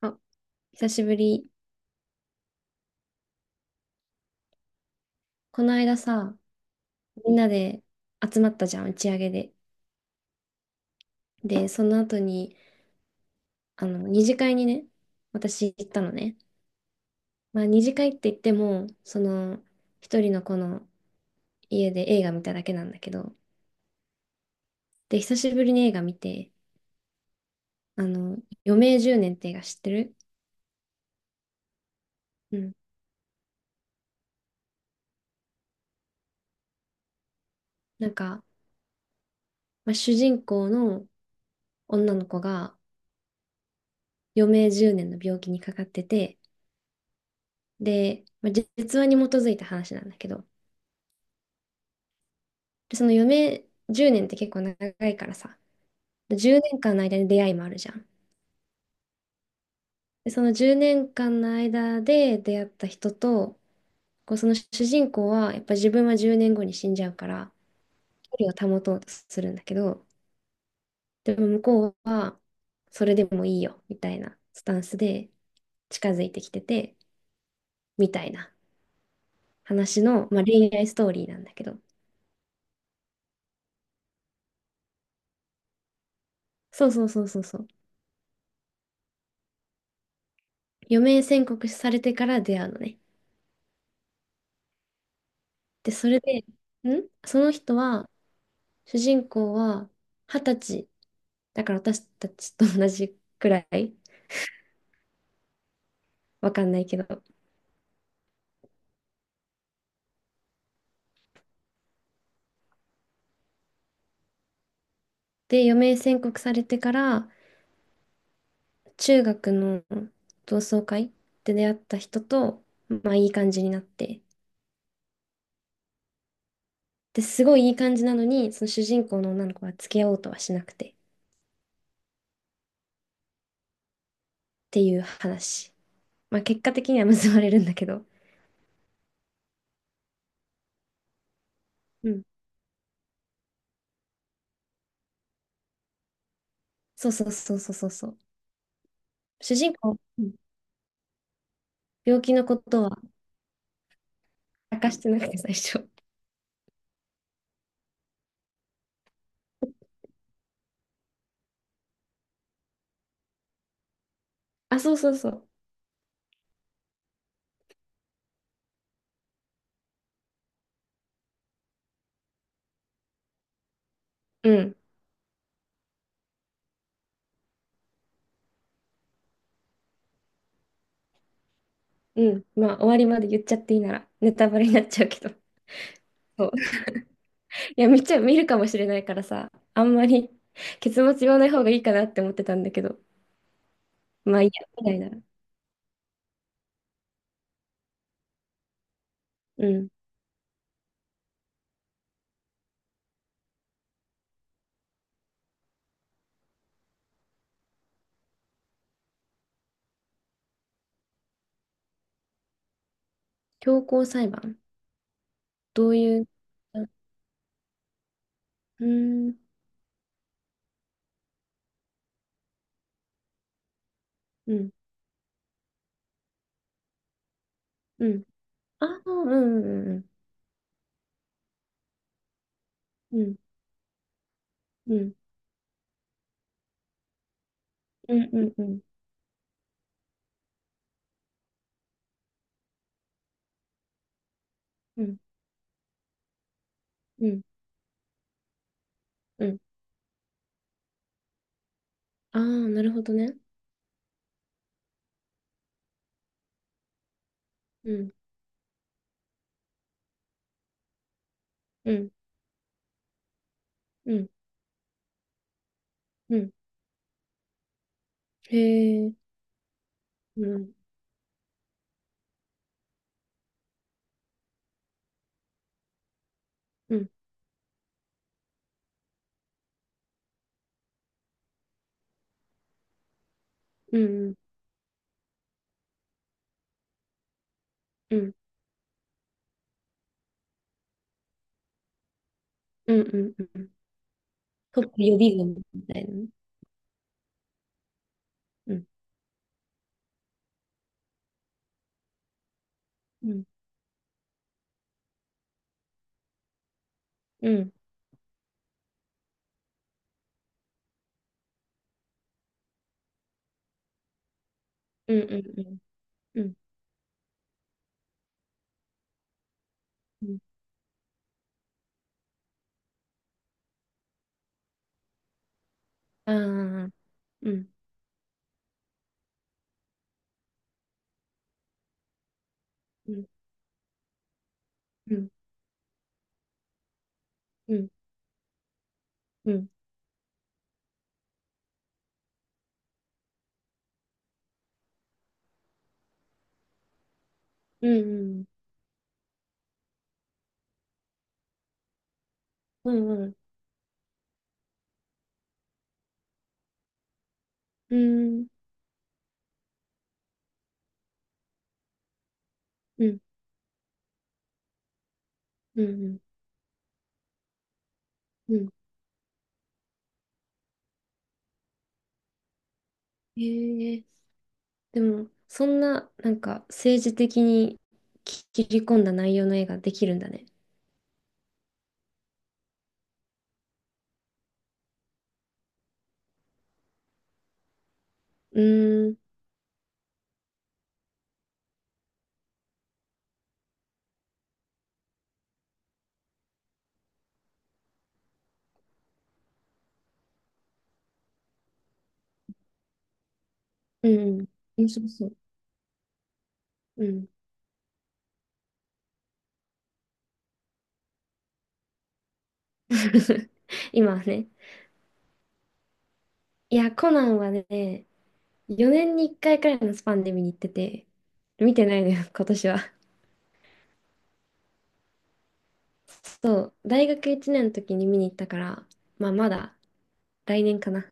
あ、久しぶり。この間さ、みんなで集まったじゃん、打ち上げで。で、その後に、二次会にね、私行ったのね。まあ、二次会って言っても、一人の子の家で映画見ただけなんだけど、で、久しぶりに映画見て、あの、余命10年って映画知ってる？うん。なんか、まあ、主人公の女の子が余命10年の病気にかかってて、で、まあ、実話に基づいた話なんだけど、で、その余命10年って結構長いからさ、で10年間の間に出会いもあるじゃん。で、その10年間の間で出会った人と、こうその主人公はやっぱ自分は10年後に死んじゃうから、距離を保とうとするんだけど、でも向こうはそれでもいいよみたいなスタンスで近づいてきてて、みたいな話の、まあ、恋愛ストーリーなんだけど、そうそうそうそうそう。余命宣告されてから出会うのね。で、それで、その人は、主人公は二十歳。だから私たちと同じくらい。わかんないけど。で、余命宣告されてから、中学の同窓会で出会った人と、まあいい感じになって。で、すごいいい感じなのに、その主人公の女の子は付き合おうとはしなくてっていう話。まあ結果的には結ばれるんだけど。うん。そうそうそうそうそうそう。主人公、うん、病気のことは明かしてなくて最初。あ、そうそうそう。うん。うん、まあ終わりまで言っちゃっていいならネタバレになっちゃうけど。そう、いや、見ちゃ、見るかもしれないからさ、あんまり結末言わない方がいいかなって思ってたんだけど、まあいいや、みたいな。うん。強行裁判。どういう、あうーん、うん、うん。ああ、うん、うん、うん、うん、うん、うん、うん、うん、うん。うん、ああー、なるほどね。うん、うん、うん、うん。へえ、うん、うん、うん、うん、うん、うん、うん。トップ予備軍みたいなね。うんうん、うん、うん、うん、うん、うん、うん、ああ、うん、うん、うん、うん、うん、うん、うん、うん、うん、うん、うん、ええ、でも、そんな、なんか、政治的に切り込んだ内容の映画できるんだね。うーん、うん、面白そう。うん。今はね。いや、コナンはね、4年に1回くらいのスパンで見に行ってて、見てないのよ、今年は。そう、大学1年の時に見に行ったから、まあまだ来年かな。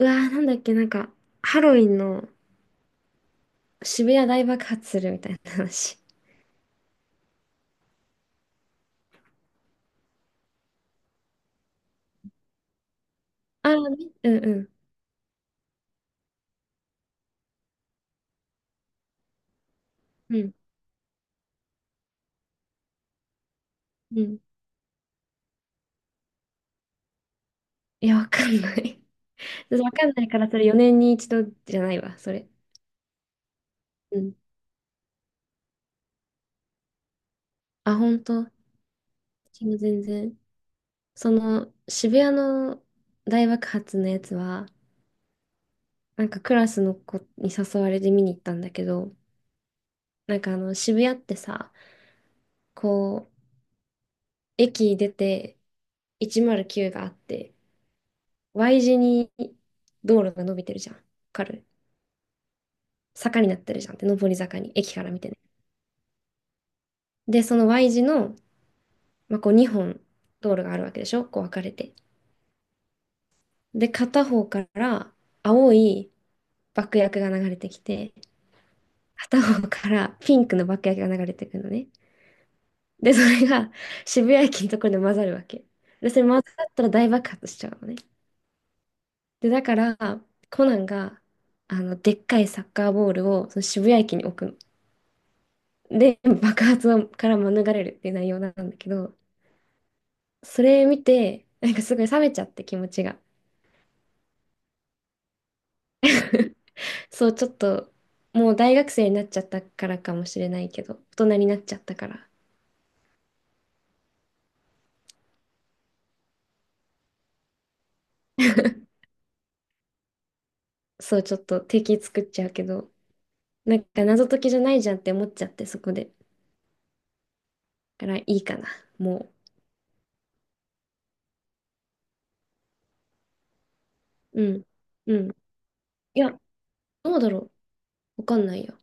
うわー、なんだっけ、なんか、ハロウィンの渋谷大爆発するみたいな話。ああね、うんうん、うん、うん。いや、わかんない。わかんないから、それ4年に一度じゃないわ、それ。うん。あ、ほんと。私も全然。その、渋谷の大爆発のやつは、なんかクラスの子に誘われて見に行ったんだけど、なんか渋谷ってさ、こう、駅出て、109があって、Y 字に道路が伸びてるじゃん。わかる？坂になってるじゃんって、上り坂に、駅から見てね。で、その Y 字の、まあ、こう2本道路があるわけでしょ、こう分かれて。で、片方から青い爆薬が流れてきて、片方からピンクの爆薬が流れてくるのね。で、それが渋谷駅のところで混ざるわけ。で、それ混ざったら大爆発しちゃうのね。で、だから、コナンが、でっかいサッカーボールをその渋谷駅に置くの。で、爆発はから免れるっていう内容なんだけど、それ見て、なんかすごい冷めちゃって気持ちが。そう、ちょっと、もう大学生になっちゃったからかもしれないけど、大人になっちゃったから、そう、ちょっと敵作っちゃうけど、なんか謎解きじゃないじゃんって思っちゃって、そこで。だからいいかな、もう。うん。うん。いや、どうだろう。わかんないよ。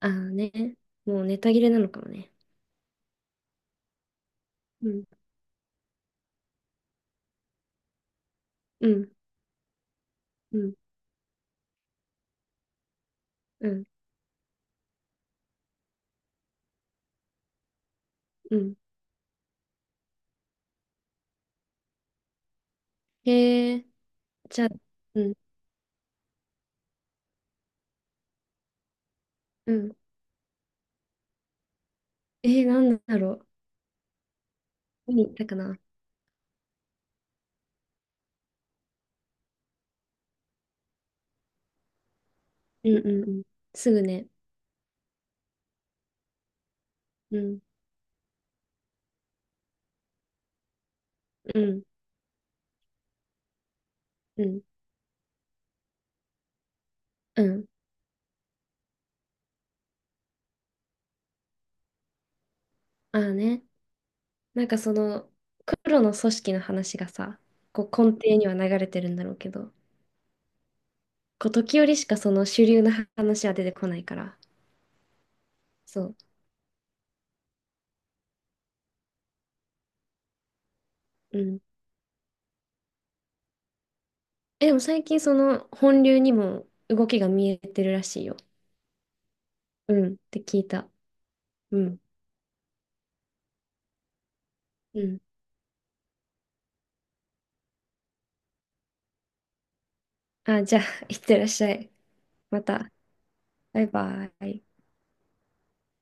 ああね。もうネタ切れなのかもね。うん。うん。うん。うん。うん。へえ、じゃあ、うん。うん。なんだろう。何にったかな。うんうんうん。すぐね。うん、うん、うん、うん。ああね。なんかその、黒の組織の話がさ、こう根底には流れてるんだろうけど、こう時折しかその主流の話は出てこないから。そう。うん。え、でも最近その本流にも動きが見えてるらしいよ。うん。って聞いた。うん。うん。あ、じゃあ、いってらっしゃい。また。バイバイ。